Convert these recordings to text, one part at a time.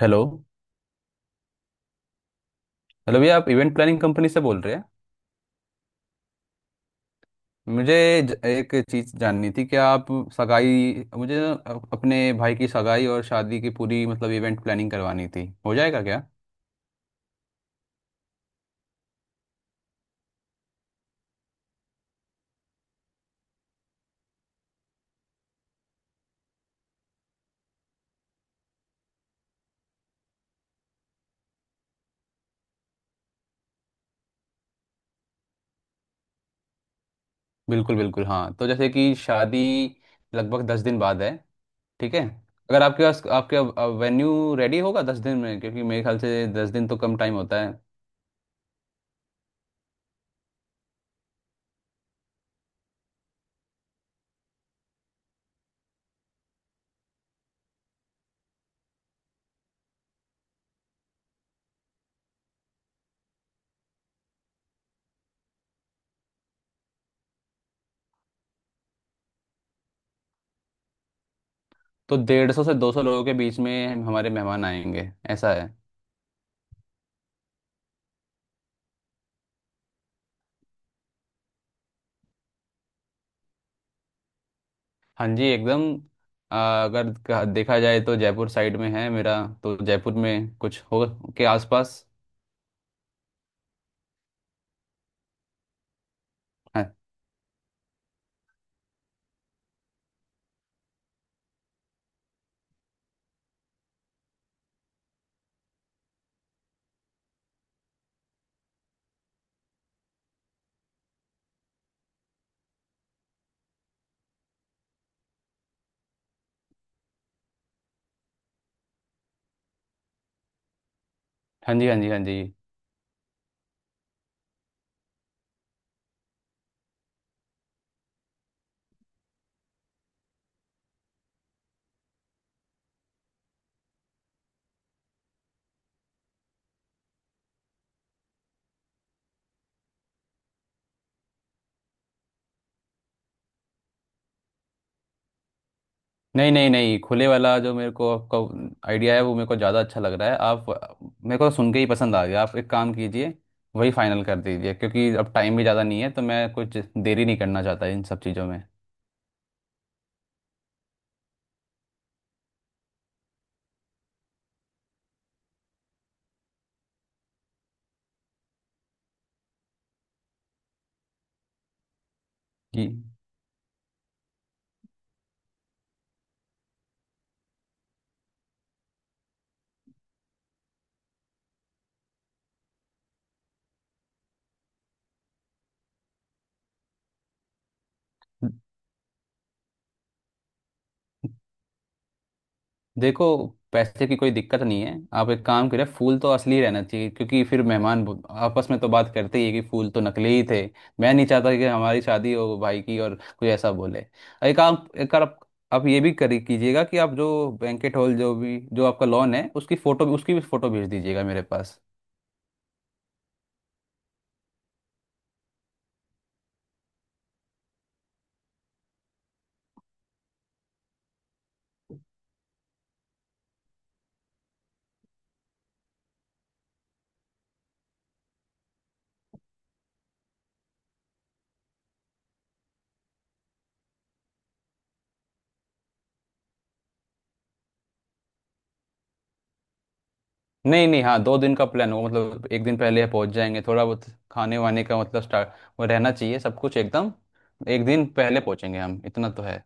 Hello. Hello भैया, आप event planning company से बोल रहे हैं? मुझे एक चीज़ जाननी थी कि आप सगाई, मुझे ना अपने भाई की सगाई और शादी की पूरी मतलब इवेंट प्लानिंग करवानी थी, हो जाएगा क्या? बिल्कुल बिल्कुल, हाँ। तो जैसे कि शादी लगभग 10 दिन बाद है। ठीक है। अगर आपके वेन्यू रेडी होगा 10 दिन में, क्योंकि मेरे ख्याल से 10 दिन तो कम टाइम होता है। तो 150 से 200 लोगों के बीच में हमारे मेहमान आएंगे, ऐसा है। हाँ जी, एकदम। अगर देखा जाए तो जयपुर साइड में है मेरा, तो जयपुर में कुछ हो के आसपास। हाँ, हाँ जी, हाँ जी, हाँ जी। नहीं नहीं नहीं, खुले वाला जो मेरे को आपका आइडिया है वो मेरे को ज़्यादा अच्छा लग रहा है। आप मेरे को सुन के ही पसंद आ गया। आप एक काम कीजिए, वही फाइनल कर दीजिए, क्योंकि अब टाइम भी ज़्यादा नहीं है, तो मैं कुछ देरी नहीं करना चाहता इन सब चीज़ों में। जी। देखो, पैसे की कोई दिक्कत नहीं है। आप एक काम करें, फूल तो असली रहना चाहिए, क्योंकि फिर मेहमान आपस में तो बात करते ही है कि फूल तो नकली ही थे। मैं नहीं चाहता कि हमारी शादी हो भाई की और कोई ऐसा बोले। एक आप एक बार आप ये भी करी कीजिएगा कि आप जो बैंकेट हॉल, जो भी, जो आपका लॉन है, उसकी भी फोटो भेज दीजिएगा मेरे पास। नहीं नहीं, हाँ, 2 दिन का प्लान होगा, मतलब एक दिन पहले पहुंच जाएंगे, थोड़ा बहुत खाने वाने का मतलब स्टार्ट, वो रहना चाहिए सब कुछ एकदम। एक दिन पहले पहुंचेंगे हम, इतना तो है।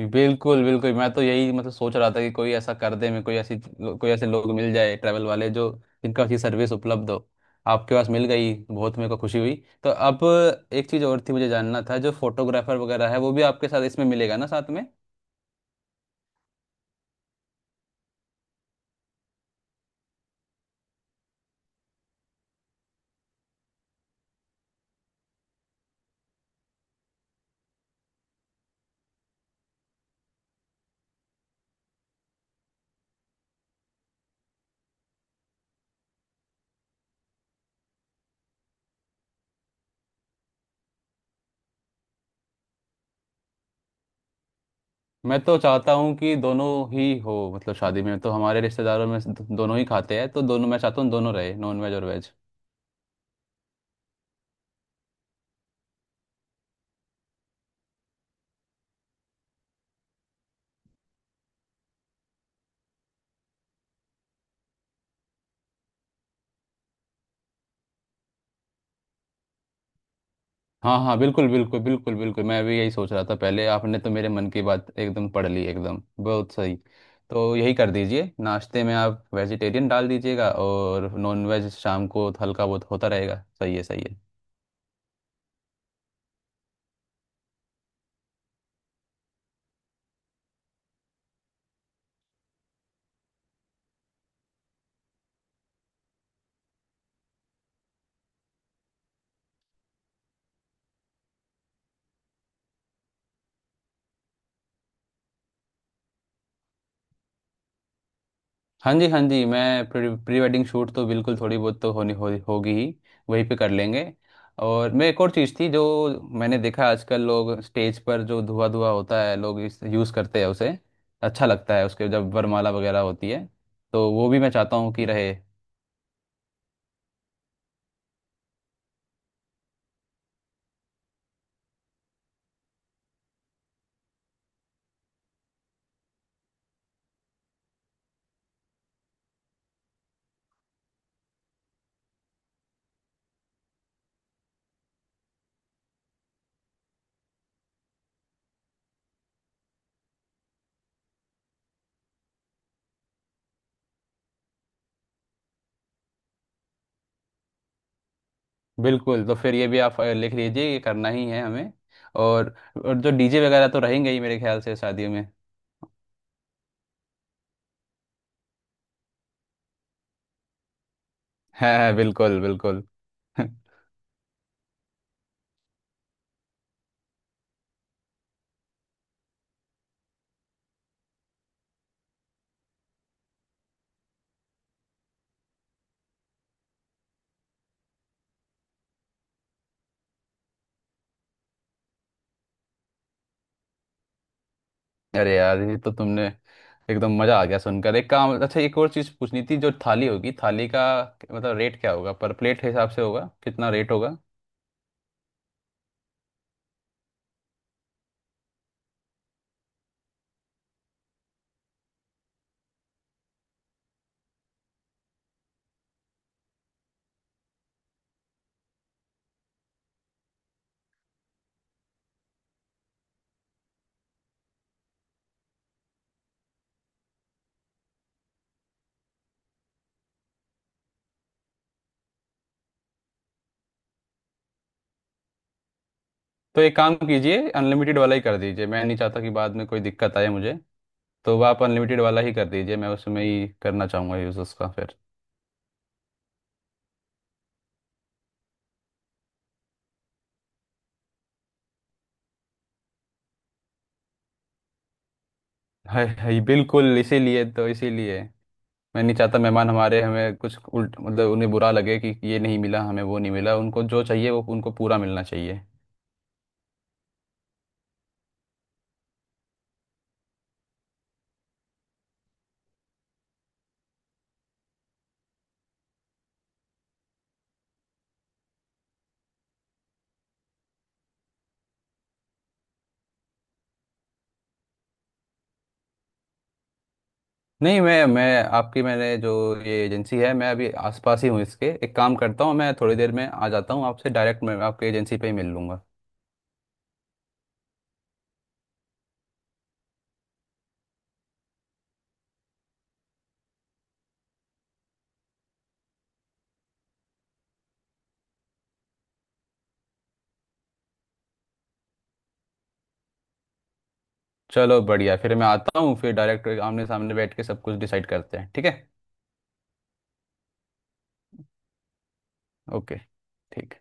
बिल्कुल बिल्कुल, मैं तो यही मतलब सोच रहा था कि कोई ऐसा कर दे, मैं कोई ऐसी कोई ऐसे लोग मिल जाए ट्रैवल वाले, जो जिनका अच्छी सर्विस उपलब्ध हो, आपके पास मिल गई, बहुत मेरे को खुशी हुई। तो अब एक चीज़ और थी, मुझे जानना था, जो फोटोग्राफर वगैरह है वो भी आपके साथ इसमें मिलेगा ना साथ में? मैं तो चाहता हूँ कि दोनों ही हो, मतलब शादी में तो हमारे रिश्तेदारों में से दोनों ही खाते हैं, तो दोनों मैं चाहता हूँ दोनों रहे, नॉन वेज और वेज। हाँ हाँ, बिल्कुल बिल्कुल बिल्कुल बिल्कुल, मैं भी यही सोच रहा था पहले, आपने तो मेरे मन की बात एकदम पढ़ ली, एकदम बहुत सही। तो यही कर दीजिए, नाश्ते में आप वेजिटेरियन डाल दीजिएगा और नॉन वेज शाम को हल्का बहुत होता रहेगा, सही है सही है। हाँ जी, हाँ जी, मैं प्री वेडिंग शूट तो बिल्कुल, थोड़ी बहुत तो होगी ही, वहीं पे कर लेंगे। और मैं, एक और चीज़ थी जो मैंने देखा आजकल लोग स्टेज पर जो धुआं धुआं होता है, लोग इस यूज़ करते हैं उसे, अच्छा लगता है उसके, जब वरमाला वगैरह होती है तो वो भी मैं चाहता हूँ कि रहे। बिल्कुल, तो फिर ये भी आप लिख लीजिए, ये करना ही है हमें। और, और जो डीजे वगैरह तो रहेंगे ही मेरे ख्याल से शादियों में। है, बिल्कुल बिल्कुल। अरे यार, ये तो तुमने एकदम मजा आ गया सुनकर। एक काम, अच्छा, एक और चीज पूछनी थी, जो थाली होगी, थाली का मतलब, रेट क्या होगा? पर प्लेट हिसाब से होगा, कितना रेट होगा? तो एक काम कीजिए, अनलिमिटेड वाला ही कर दीजिए, मैं नहीं चाहता कि बाद में कोई दिक्कत आए मुझे, तो आप अनलिमिटेड वाला ही कर दीजिए, मैं उसमें ही करना चाहूंगा, यूज उसका फिर। है, बिल्कुल, इसीलिए तो, इसीलिए मैं नहीं चाहता मेहमान हमारे, हमें कुछ उल्ट मतलब उन्हें बुरा लगे कि ये नहीं मिला हमें, वो नहीं मिला, उनको जो चाहिए वो उनको पूरा मिलना चाहिए। नहीं, मैं आपकी मैंने जो ये एजेंसी है, मैं अभी आसपास ही हूँ इसके, एक काम करता हूँ मैं, थोड़ी देर में आ जाता हूँ आपसे, डायरेक्ट मैं आपके एजेंसी पे ही मिल लूँगा। चलो बढ़िया, फिर मैं आता हूँ, फिर डायरेक्ट आमने सामने बैठ के सब कुछ डिसाइड करते हैं, ठीक है। ओके, ठीक है।